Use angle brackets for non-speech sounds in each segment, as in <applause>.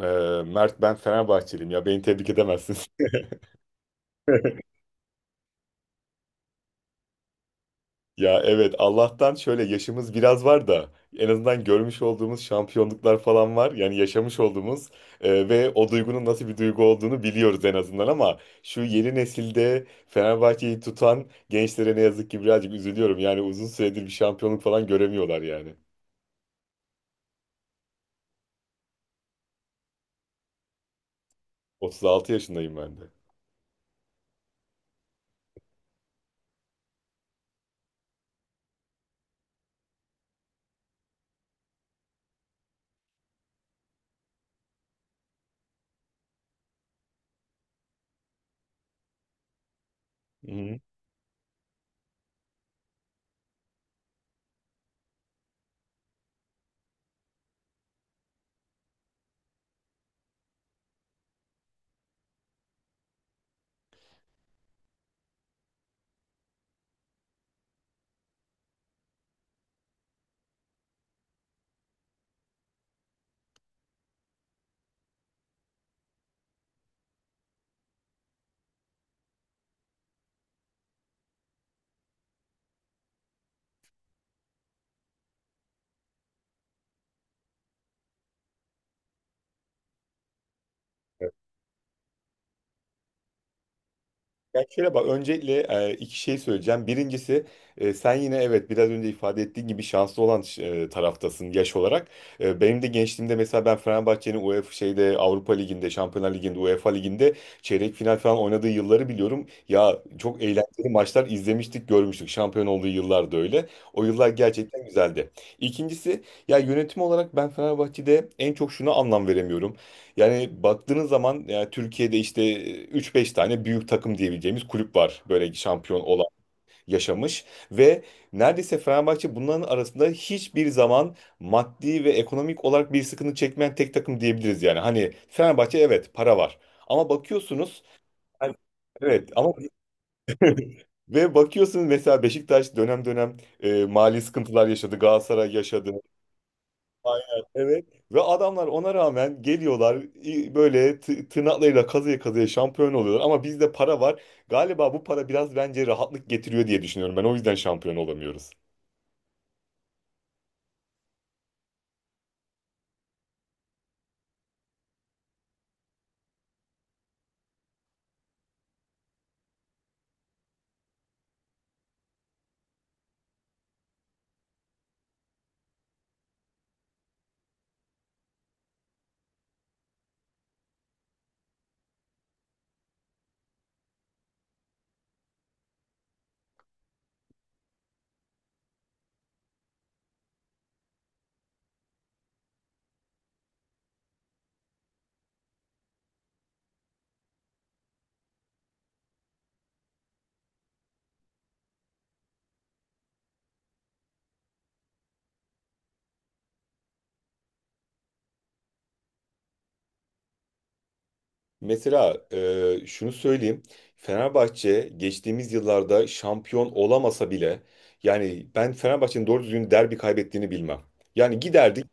Ee, Mert ben Fenerbahçeliyim ya beni tebrik edemezsin. <laughs> Ya evet, Allah'tan şöyle yaşımız biraz var da en azından görmüş olduğumuz şampiyonluklar falan var. Yani yaşamış olduğumuz ve o duygunun nasıl bir duygu olduğunu biliyoruz en azından, ama şu yeni nesilde Fenerbahçe'yi tutan gençlere ne yazık ki birazcık üzülüyorum. Yani uzun süredir bir şampiyonluk falan göremiyorlar yani. 36 yaşındayım ben de. Hı hı. Ya şöyle bak, öncelikle iki şey söyleyeceğim. Birincisi, sen yine, evet, biraz önce ifade ettiğin gibi şanslı olan taraftasın yaş olarak. Benim de gençliğimde mesela ben Fenerbahçe'nin UEFA şeyde Avrupa Ligi'nde, Şampiyonlar Ligi'nde, UEFA Ligi'nde çeyrek final falan oynadığı yılları biliyorum. Ya çok eğlenceli maçlar izlemiştik, görmüştük. Şampiyon olduğu yıllar da öyle. O yıllar gerçekten güzeldi. İkincisi, ya yönetim olarak ben Fenerbahçe'de en çok şuna anlam veremiyorum. Yani baktığınız zaman, yani Türkiye'de işte üç beş tane büyük takım diyebileceğimiz kulüp var. Böyle şampiyon olan, yaşamış ve neredeyse Fenerbahçe bunların arasında hiçbir zaman maddi ve ekonomik olarak bir sıkıntı çekmeyen tek takım diyebiliriz yani. Hani Fenerbahçe, evet, para var ama bakıyorsunuz yani. Evet ama <laughs> ve bakıyorsunuz, mesela Beşiktaş dönem dönem mali sıkıntılar yaşadı, Galatasaray yaşadı. Aynen. Evet. Ve adamlar ona rağmen geliyorlar, böyle tırnaklarıyla kazıya kazıya şampiyon oluyorlar. Ama bizde para var. Galiba bu para biraz, bence, rahatlık getiriyor diye düşünüyorum. Ben o yüzden şampiyon olamıyoruz. Mesela şunu söyleyeyim. Fenerbahçe geçtiğimiz yıllarda şampiyon olamasa bile, yani ben Fenerbahçe'nin doğru düzgün derbi kaybettiğini bilmem. Yani giderdik.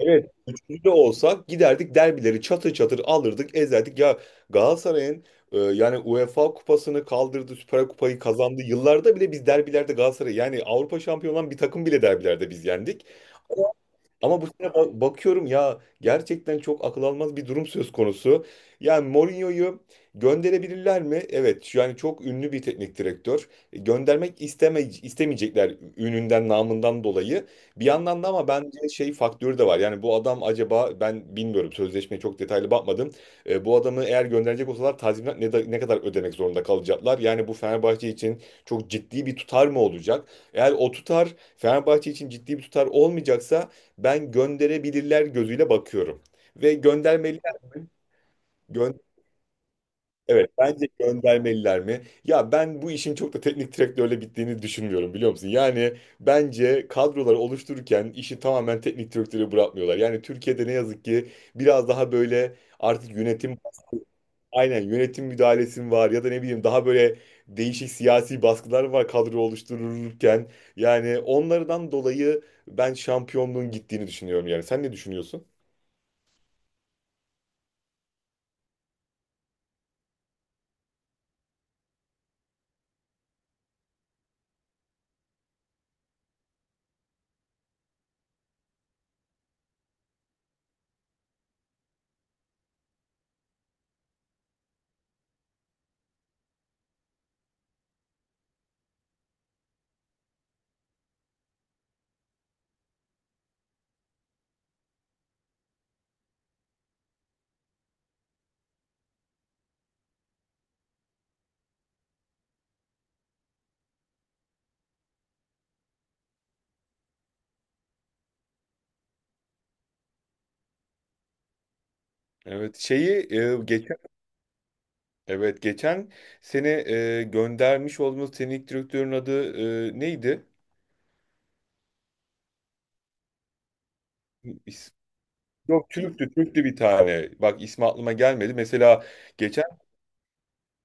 Evet, üçüncü de olsak giderdik, derbileri çatır çatır alırdık, ezerdik. Ya Galatasaray'ın yani UEFA kupasını kaldırdı, Süper Kupayı kazandı. Yıllarda bile biz derbilerde Galatasaray, yani Avrupa şampiyon olan bir takım bile, derbilerde biz yendik. Ama bu sene bakıyorum ya, gerçekten çok akıl almaz bir durum söz konusu. Yani Mourinho'yu gönderebilirler mi? Evet, yani çok ünlü bir teknik direktör. Göndermek istemeyecekler ününden, namından dolayı. Bir yandan da, ama bence şey faktörü de var. Yani bu adam, acaba, ben bilmiyorum, sözleşmeye çok detaylı bakmadım. Bu adamı eğer gönderecek olsalar tazminat ne kadar ödemek zorunda kalacaklar? Yani bu Fenerbahçe için çok ciddi bir tutar mı olacak? Eğer o tutar Fenerbahçe için ciddi bir tutar olmayacaksa, ben gönderebilirler gözüyle bakıyorum. Ve göndermeliler mi? Gön- evet, bence göndermeliler mi? Ya ben bu işin çok da teknik direktörle gittiğini düşünmüyorum, biliyor musun? Yani bence kadroları oluştururken işi tamamen teknik direktöre bırakmıyorlar. Yani Türkiye'de ne yazık ki biraz daha böyle artık yönetim. Aynen, yönetim müdahalesi mi var, ya da ne bileyim, daha böyle değişik siyasi baskılar var kadro oluştururken. Yani onlardan dolayı ben şampiyonluğun gittiğini düşünüyorum yani. Sen ne düşünüyorsun? Evet, şeyi geçen, evet, geçen seni göndermiş olduğumuz teknik direktörün adı neydi? İs- Yok, Türk'tü, Türk'tü bir tane. Bak, ismi aklıma gelmedi. Mesela geçen,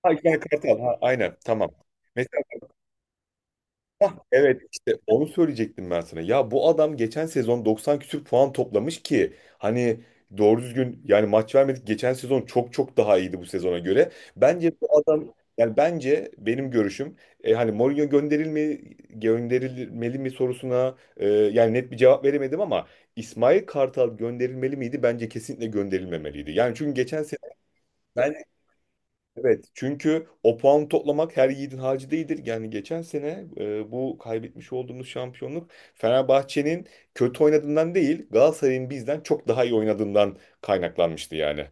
ha, İsmail Kartal. Ha, aynen, tamam. Hah, evet, işte onu söyleyecektim ben sana. Ya bu adam geçen sezon 90 küsür puan toplamış ki, hani doğru düzgün yani maç vermedik. Geçen sezon çok çok daha iyiydi bu sezona göre. Bence bu adam, yani bence, benim görüşüm hani Mourinho gönderilmeli mi sorusuna yani net bir cevap veremedim, ama İsmail Kartal gönderilmeli miydi? Bence kesinlikle gönderilmemeliydi. Yani çünkü geçen sene. Evet, çünkü o puan toplamak her yiğidin harcı değildir. Yani geçen sene bu kaybetmiş olduğumuz şampiyonluk Fenerbahçe'nin kötü oynadığından değil, Galatasaray'ın bizden çok daha iyi oynadığından kaynaklanmıştı yani.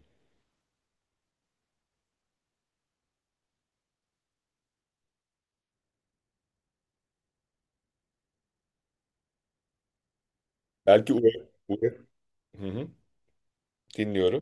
Belki Ure- Ure- Hı hı, dinliyorum.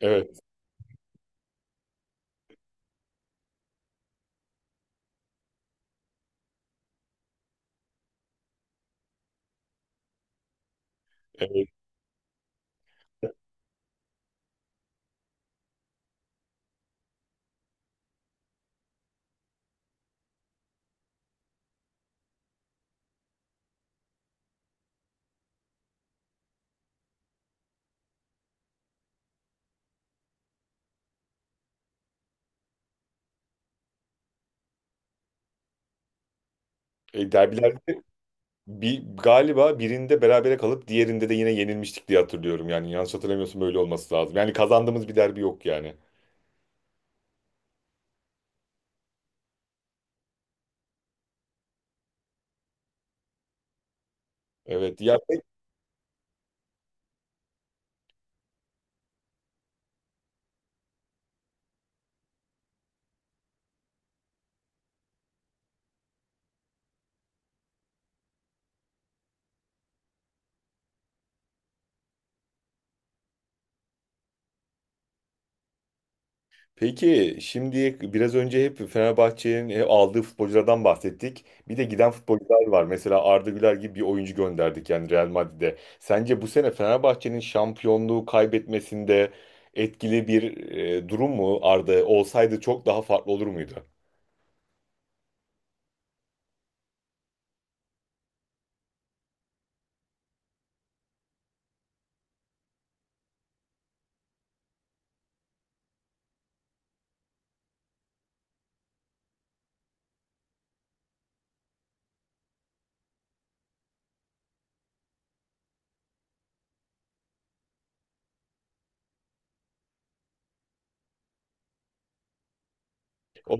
Evet, evet. Derbilerde galiba birinde berabere kalıp diğerinde de yine yenilmiştik diye hatırlıyorum. Yani yanlış hatırlamıyorsun, böyle olması lazım. Yani kazandığımız bir derbi yok yani. Evet. Ya, peki şimdi biraz önce hep Fenerbahçe'nin hep aldığı futbolculardan bahsettik. Bir de giden futbolcular var. Mesela Arda Güler gibi bir oyuncu gönderdik yani Real Madrid'e. Sence bu sene Fenerbahçe'nin şampiyonluğu kaybetmesinde etkili bir durum mu Arda? Olsaydı çok daha farklı olur muydu? O...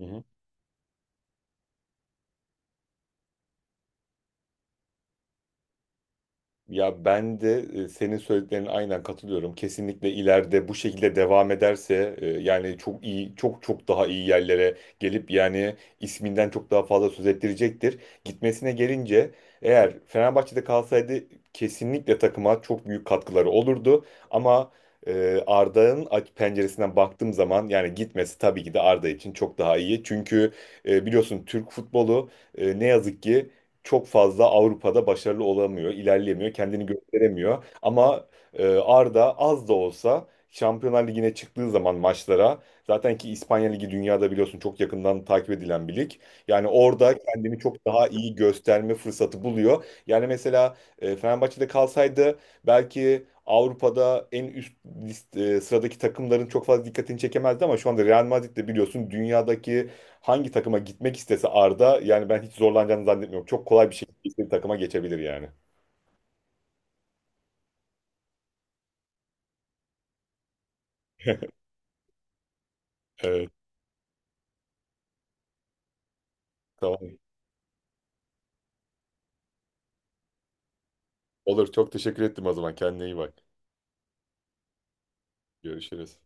Hı hı. Ya ben de senin söylediklerine aynen katılıyorum. Kesinlikle ileride bu şekilde devam ederse yani çok iyi, çok çok daha iyi yerlere gelip yani isminden çok daha fazla söz ettirecektir. Gitmesine gelince, eğer Fenerbahçe'de kalsaydı kesinlikle takıma çok büyük katkıları olurdu. Ama Arda'nın penceresinden baktığım zaman yani gitmesi tabii ki de Arda için çok daha iyi. Çünkü biliyorsun Türk futbolu ne yazık ki çok fazla Avrupa'da başarılı olamıyor, ilerleyemiyor, kendini gösteremiyor. Ama Arda az da olsa Şampiyonlar Ligi'ne çıktığı zaman maçlara, zaten ki İspanya Ligi dünyada biliyorsun çok yakından takip edilen bir lig. Yani orada kendini çok daha iyi gösterme fırsatı buluyor. Yani mesela Fenerbahçe'de kalsaydı belki Avrupa'da en üst sıradaki takımların çok fazla dikkatini çekemezdi, ama şu anda Real Madrid de biliyorsun dünyadaki hangi takıma gitmek istese Arda, yani ben hiç zorlanacağını zannetmiyorum. Çok kolay bir şekilde istediği takıma geçebilir yani. Evet. Tamam. Olur. Çok teşekkür ettim o zaman. Kendine iyi bak. Görüşürüz.